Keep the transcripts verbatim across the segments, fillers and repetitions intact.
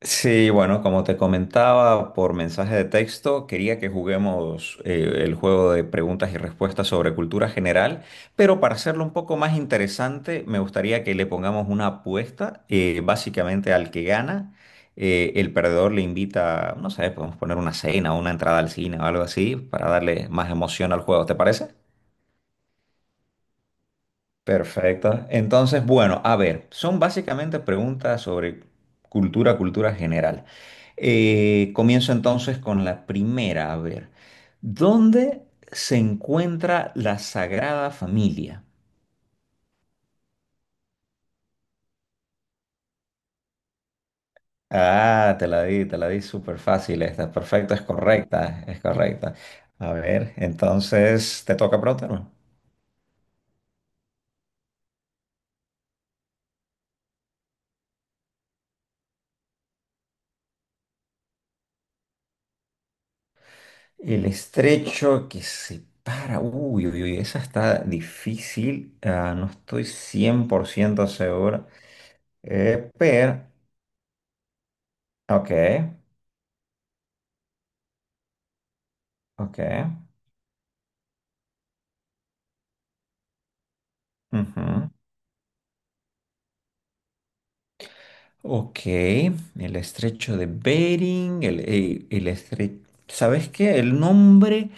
Sí, bueno, como te comentaba por mensaje de texto, quería que juguemos eh, el juego de preguntas y respuestas sobre cultura general, pero para hacerlo un poco más interesante, me gustaría que le pongamos una apuesta, eh, básicamente al que gana, eh, el perdedor le invita, no sé, podemos poner una cena, una entrada al cine o algo así, para darle más emoción al juego, ¿te parece? Perfecto. Entonces, bueno, a ver, son básicamente preguntas sobre cultura, cultura general. Eh, comienzo entonces con la primera, a ver, ¿dónde se encuentra la Sagrada Familia? Ah, te la di, te la di súper fácil esta. Perfecto, es correcta, es correcta. A ver, entonces, ¿te toca preguntarme? El estrecho que separa. Uy, uy, uy, esa está difícil. Ah, no estoy cien por ciento seguro. Eh, pero, ok, ok. Ujú. Ok, el estrecho de Bering, el, el, el estre- ¿Sabes qué? El nombre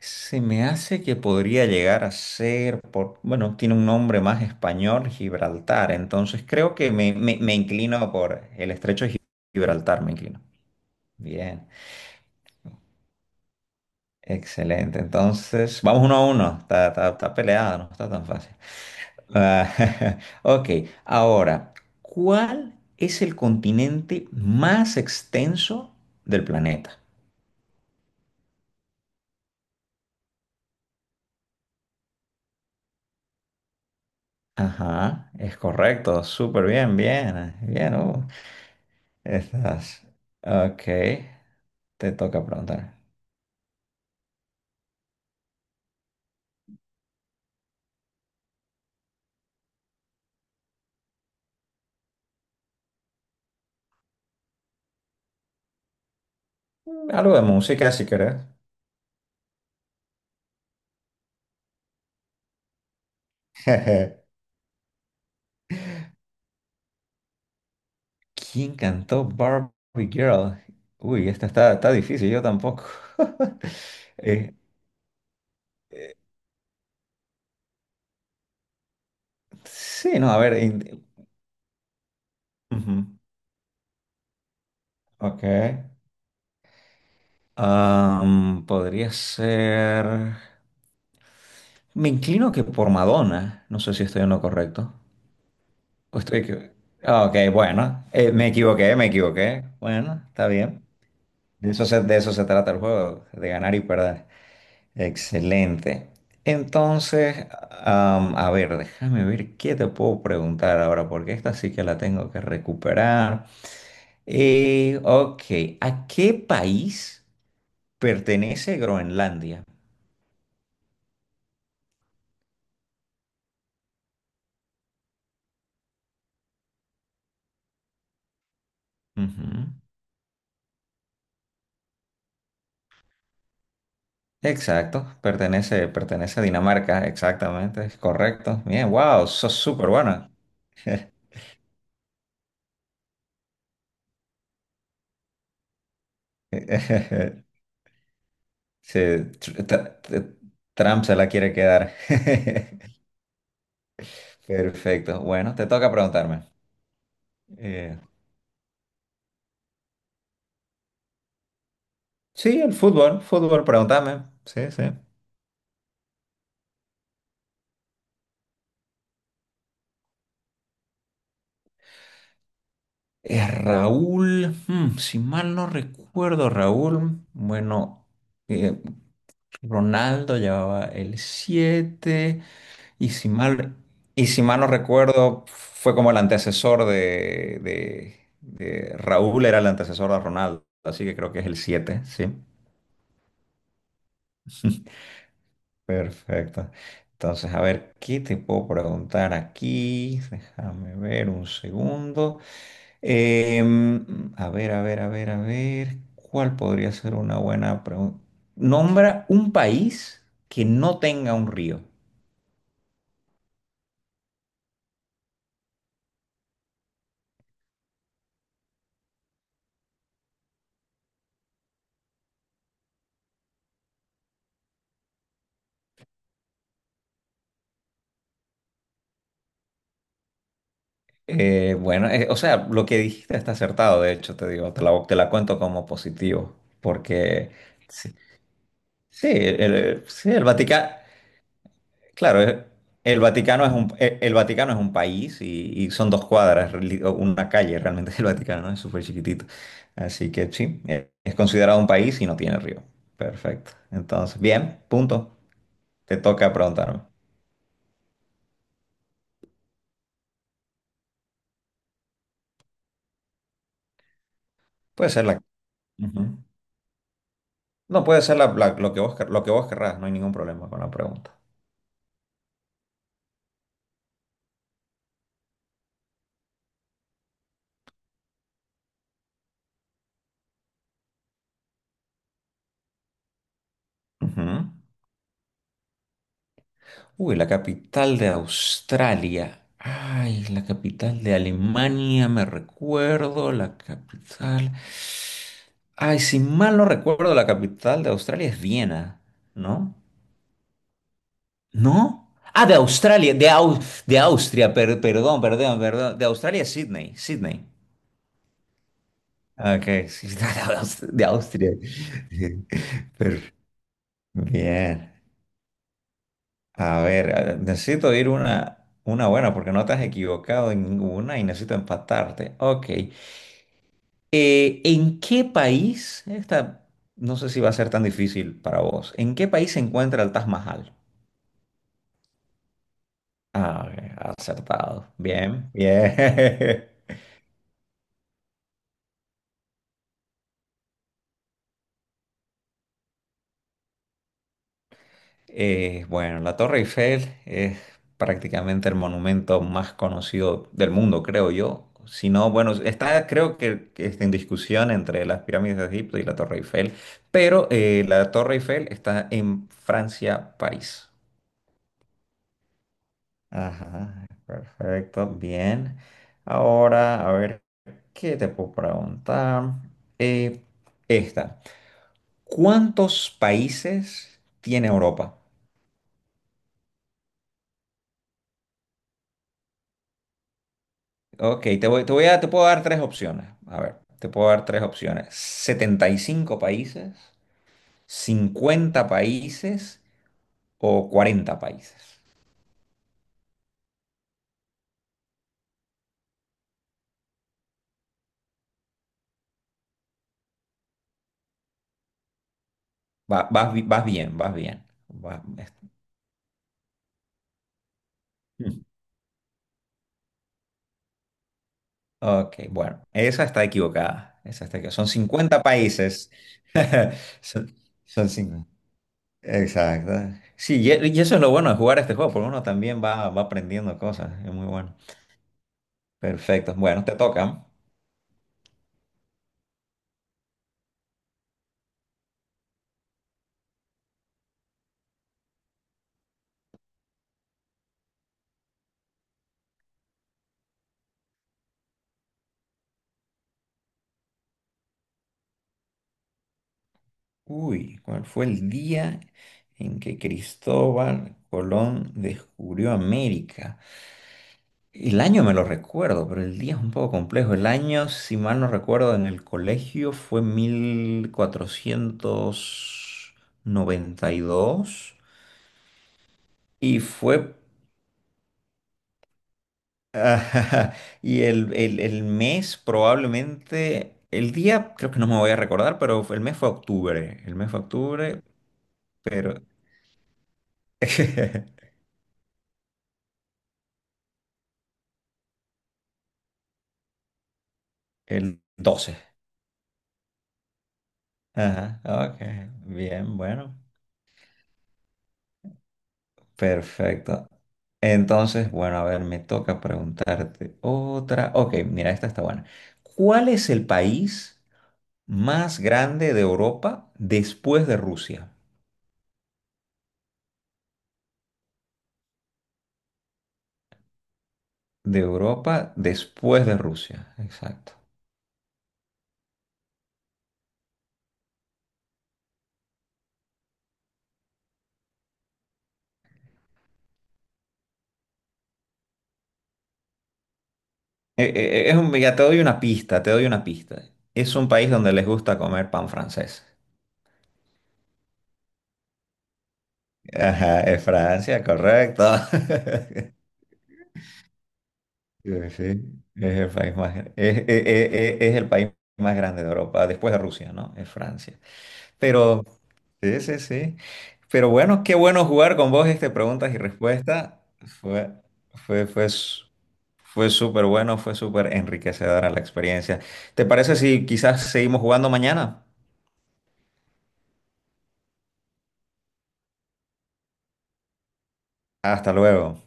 se me hace que podría llegar a ser, por, bueno, tiene un nombre más español, Gibraltar. Entonces creo que me, me, me inclino por el estrecho de Gibraltar, me inclino. Bien, excelente. Entonces, vamos uno a uno. Está, está, está peleada, no está tan fácil. Ah, ok, ahora, ¿cuál es el continente más extenso del planeta? Ajá, es correcto. Súper bien, bien, bien. Uh, estás. Ok, te toca preguntar. Algo de música, si querés. ¿Quién cantó Barbie Girl? Uy, esta está, está difícil, yo tampoco. Eh, sí, no, a ver. In- ujú, ok. Am, podría ser. Me inclino que por Madonna. No sé si estoy en lo correcto. O estoy equivo- Ah, ok, bueno. Eh, me equivoqué, me equivoqué. Bueno, está bien. De eso se, de eso se trata el juego, de ganar y perder. Excelente. Entonces, am, a ver, déjame ver qué te puedo preguntar ahora, porque esta sí que la tengo que recuperar. Eh, ok, ¿a qué país pertenece a Groenlandia? Ujú. Exacto, pertenece, pertenece a Dinamarca, exactamente, es correcto. Bien, wow, sos súper buena. Sí, tr- tr- tr- Trump se la quiere quedar. Perfecto. Bueno, te toca preguntarme. Eh, sí, el fútbol, fútbol, pregúntame. Sí, sí. Eh, Raúl, mm, si mal no recuerdo, Raúl, bueno, eh, Ronaldo llevaba el siete. Y si mal, y si mal no recuerdo, fue como el antecesor de, de- de- Raúl, era el antecesor de Ronaldo, así que creo que es el siete, ¿sí? Perfecto. Entonces, a ver, ¿qué te puedo preguntar aquí? Déjame ver un segundo. Em, a ver, a ver, a ver, a ver, ¿cuál podría ser una buena pregunta? Nombra un país que no tenga un río. Eh, bueno, eh, o sea, lo que dijiste está acertado, de hecho, te digo, te la, te la cuento como positivo, porque sí, sí, el, sí, Vaticano, claro, eh, el Vaticano es un, eh, el, Vaticano es un país y, y son dos cuadras, reali- o una calle realmente el Vaticano, ¿no? Es súper chiquitito, así que sí, eh, es considerado un país y no tiene río. Perfecto, entonces, bien, punto, te toca preguntarme. Puede ser la... Ujú. No, puede ser la- la- lo que vos, quer- lo que vos querrás, no hay ningún problema con la pregunta. Ujú. Uy, la capital de Australia. Ay, la capital de Alemania, me recuerdo, la capital. Ay, si mal no recuerdo, la capital de Australia es Viena, ¿no? ¿No? Ah, de Australia, de, Au- de Austria, per- perdón, perdón, perdón. De Australia es Sydney, Sydney. Ok, sí, de Aus- de Austria. Per- Bien. A ver, a- necesito ir una, una buena porque no te has equivocado en ninguna y necesito empatarte. Ok. Eh, ¿en qué país, esta no sé si va a ser tan difícil para vos, ¿en qué país se encuentra el Taj Mahal? Ah, ok, acertado. Bien, bien. Eh, bueno, la Torre Eiffel es prácticamente el monumento más conocido del mundo, creo yo. Si no, bueno, está, creo que, que está en discusión entre las pirámides de Egipto y la Torre Eiffel, pero eh, la Torre Eiffel está en Francia, París. Ajá, perfecto, bien. Ahora, a ver, ¿qué te puedo preguntar? Eh, esta. ¿Cuántos países tiene Europa? Ok, te voy, te voy a, te puedo dar tres opciones. A ver, te puedo dar tres opciones: setenta y cinco países, cincuenta países o cuarenta países. Va- vas, bi- vas bien, vas bien. Va- es- Mm. Ok, bueno, esa está equivocada. Esa está equivocada. Son cincuenta países. Son, son cincuenta. Exacto. Sí, y, e- y eso es lo bueno de jugar este juego, porque uno también va, va aprendiendo cosas. Es muy bueno. Perfecto. Bueno, te toca. Uy, ¿cuál fue el día en que Cristóbal Colón descubrió América? El año me lo recuerdo, pero el día es un poco complejo. El año, si mal no recuerdo, en el colegio fue mil cuatrocientos noventa y dos y fue... y el, el el mes probablemente... El día creo que no me voy a recordar, pero el mes fue octubre. El mes fue octubre, pero... El doce. Ajá, ok, bien, bueno, perfecto. Entonces, bueno, a ver, me toca preguntarte otra. Ok, mira, esta está buena. ¿Cuál es el país más grande de Europa después de Rusia? De Europa después de Rusia, exacto. Eh, eh, es un, ya te doy una pista, te doy una pista. Es un país donde les gusta comer pan francés. Ajá, es Francia, correcto. Sí, sí, es el país más, gra- es, es- es- es el país más grande de Europa, después de Rusia, ¿no? Es Francia. Pero, sí, sí, sí. Pero bueno, qué bueno jugar con vos este preguntas y respuestas. Fue, fue, fue, s- fue súper bueno, fue súper enriquecedora la experiencia. ¿Te parece si quizás seguimos jugando mañana? Hasta luego.